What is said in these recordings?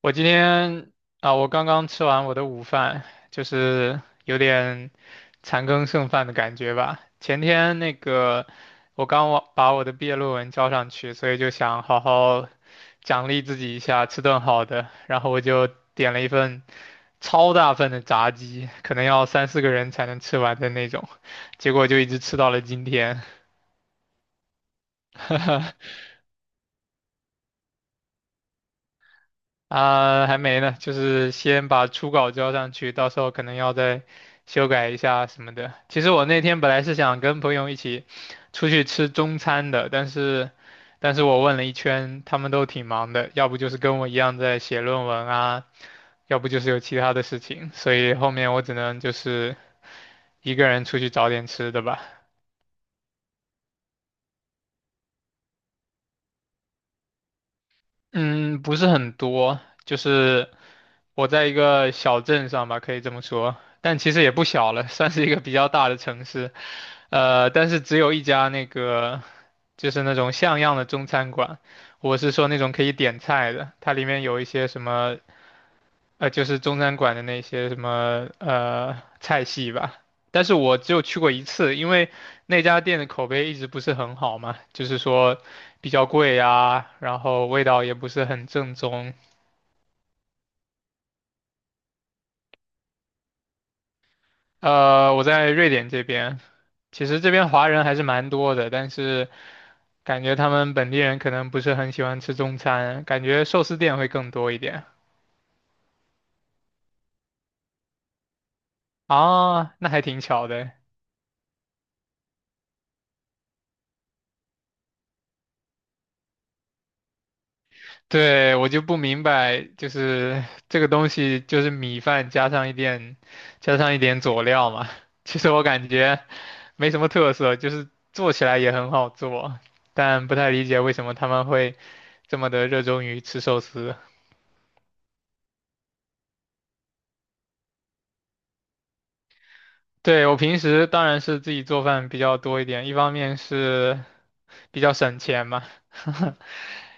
我今天啊，我刚刚吃完我的午饭，就是有点残羹剩饭的感觉吧。前天那个，我刚完把我的毕业论文交上去，所以就想好好奖励自己一下，吃顿好的。然后我就点了一份超大份的炸鸡，可能要三四个人才能吃完的那种，结果就一直吃到了今天。啊，还没呢，就是先把初稿交上去，到时候可能要再修改一下什么的。其实我那天本来是想跟朋友一起出去吃中餐的，但是我问了一圈，他们都挺忙的，要不就是跟我一样在写论文啊，要不就是有其他的事情，所以后面我只能就是一个人出去找点吃的吧。嗯，不是很多，就是我在一个小镇上吧，可以这么说，但其实也不小了，算是一个比较大的城市。但是只有一家那个就是那种像样的中餐馆，我是说那种可以点菜的，它里面有一些什么就是中餐馆的那些什么菜系吧。但是我只有去过一次，因为那家店的口碑一直不是很好嘛，就是说比较贵呀，然后味道也不是很正宗。我在瑞典这边，其实这边华人还是蛮多的，但是。感觉他们本地人可能不是很喜欢吃中餐，感觉寿司店会更多一点。啊，那还挺巧的。对，我就不明白，就是这个东西就是米饭加上一点，加上一点佐料嘛。其实我感觉没什么特色，就是做起来也很好做，但不太理解为什么他们会这么的热衷于吃寿司。对，我平时当然是自己做饭比较多一点，一方面是比较省钱嘛。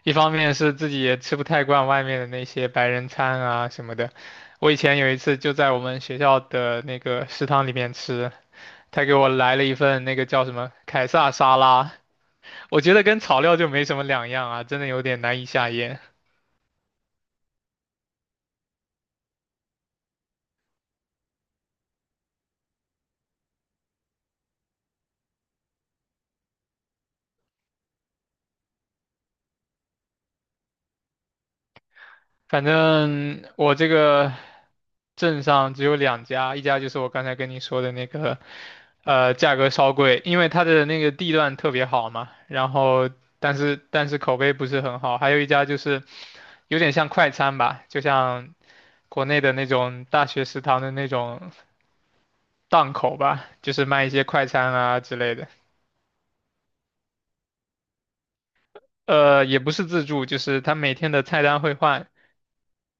一方面是自己也吃不太惯外面的那些白人餐啊什么的。我以前有一次就在我们学校的那个食堂里面吃，他给我来了一份那个叫什么凯撒沙拉，我觉得跟草料就没什么两样啊，真的有点难以下咽。反正我这个镇上只有两家，一家就是我刚才跟你说的那个，价格稍贵，因为它的那个地段特别好嘛，然后但是口碑不是很好，还有一家就是有点像快餐吧，就像国内的那种大学食堂的那种档口吧，就是卖一些快餐啊之类的。也不是自助，就是他每天的菜单会换，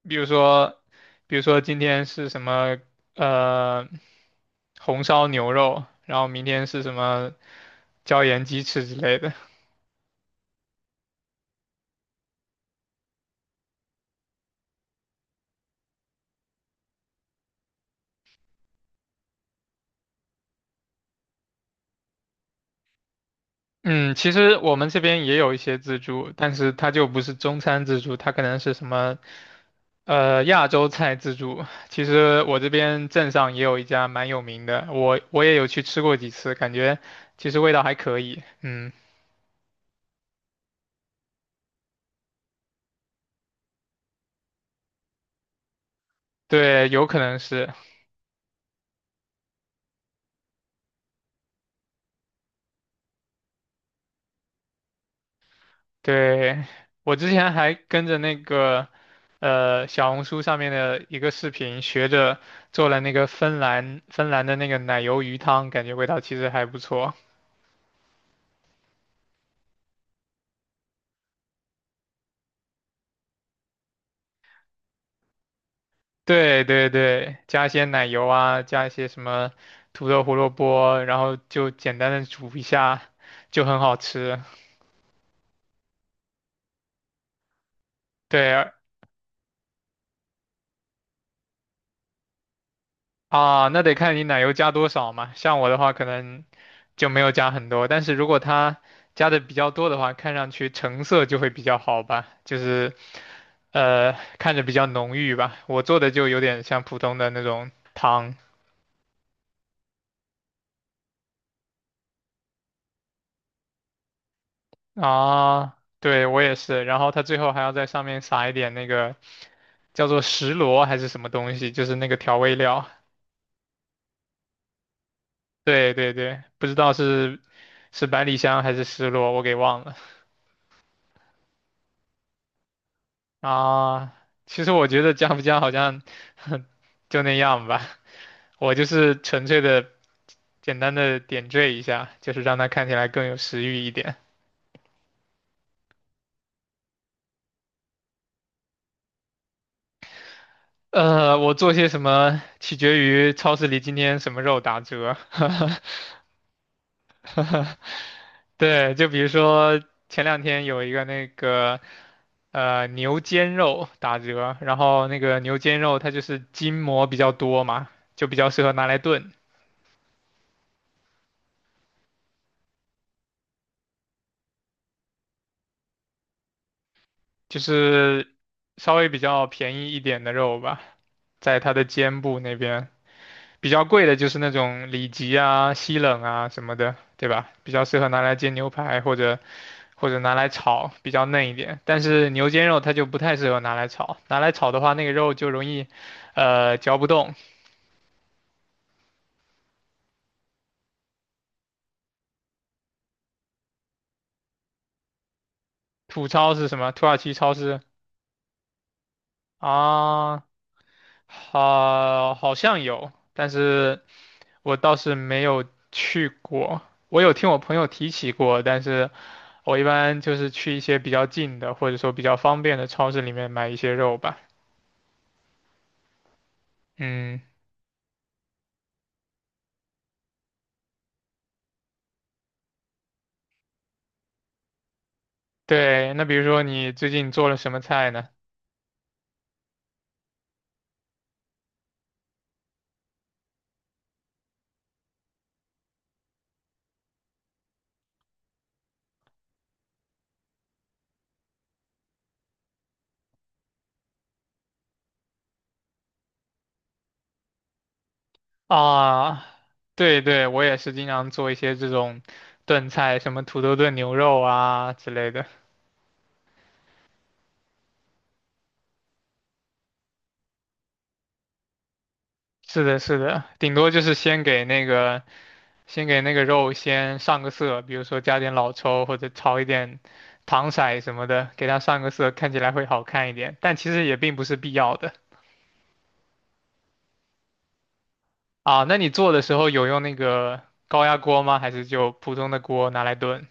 比如说，比如说今天是什么呃红烧牛肉，然后明天是什么椒盐鸡翅之类的。嗯，其实我们这边也有一些自助，但是它就不是中餐自助，它可能是什么亚洲菜自助。其实我这边镇上也有一家蛮有名的，我也有去吃过几次，感觉其实味道还可以。嗯，对，有可能是。对，我之前还跟着那个小红书上面的一个视频，学着做了那个芬兰的那个奶油鱼汤，感觉味道其实还不错。对对对，加一些奶油啊，加一些什么土豆、胡萝卜，然后就简单的煮一下，就很好吃。对，啊，那得看你奶油加多少嘛。像我的话，可能就没有加很多，但是如果它加的比较多的话，看上去成色就会比较好吧，就是呃看着比较浓郁吧。我做的就有点像普通的那种汤啊。对，我也是。然后它最后还要在上面撒一点那个叫做石螺还是什么东西，就是那个调味料。对对对，不知道是百里香还是石螺，我给忘了。啊，其实我觉得加不加好像 就那样吧，我就是纯粹的简单的点缀一下，就是让它看起来更有食欲一点。我做些什么取决于超市里今天什么肉打折。对，就比如说前两天有一个那个牛肩肉打折，然后那个牛肩肉它就是筋膜比较多嘛，就比较适合拿来炖。就是稍微比较便宜一点的肉吧，在它的肩部那边。比较贵的就是那种里脊啊、西冷啊什么的，对吧？比较适合拿来煎牛排或者拿来炒，比较嫩一点。但是牛肩肉它就不太适合拿来炒，拿来炒的话，那个肉就容易，嚼不动。土超是什么？土耳其超市啊，好，好像有，但是。我倒是没有去过，我有听我朋友提起过，但是我一般就是去一些比较近的，或者说比较方便的超市里面买一些肉吧。嗯，对，那比如说你最近做了什么菜呢？啊，对对，我也是经常做一些这种炖菜，什么土豆炖牛肉啊之类的。是的，是的，顶多就是先给那个肉先上个色，比如说加点老抽或者炒一点糖色什么的，给它上个色，看起来会好看一点。但其实也并不是必要的啊。那你做的时候有用那个高压锅吗？还是就普通的锅拿来炖？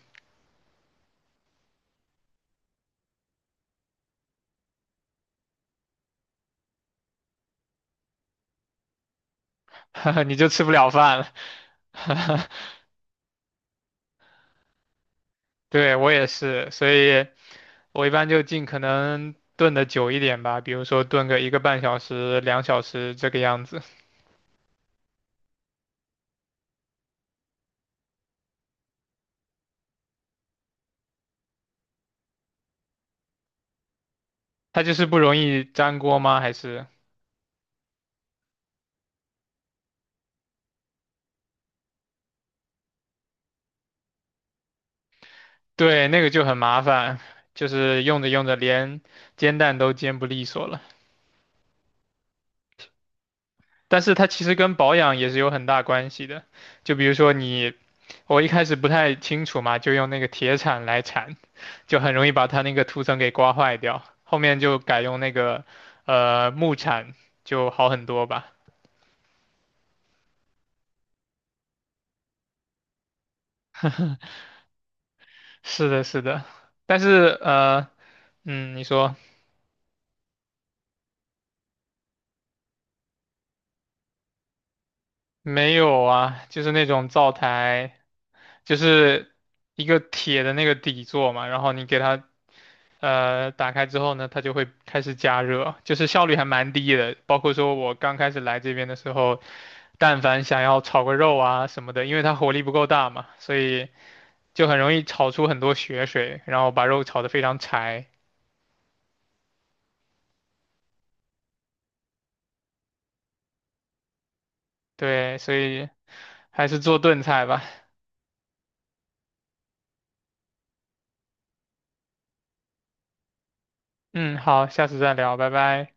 你就吃不了饭了。对，我也是，所以我一般就尽可能炖的久一点吧，比如说炖个1个半小时、2小时这个样子。它就是不容易粘锅吗？还是？对，那个就很麻烦，就是用着用着连煎蛋都煎不利索了。但是它其实跟保养也是有很大关系的，就比如说你，我一开始不太清楚嘛，就用那个铁铲来铲，就很容易把它那个涂层给刮坏掉。后面就改用那个木铲，就好很多吧。是的，是的，但是嗯，你说。没有啊，就是那种灶台，就是一个铁的那个底座嘛，然后你给它打开之后呢，它就会开始加热，就是效率还蛮低的。包括说我刚开始来这边的时候，但凡想要炒个肉啊什么的，因为它火力不够大嘛，所以就很容易炒出很多血水，然后把肉炒得非常柴。对，所以还是做炖菜吧。嗯，好，下次再聊，拜拜。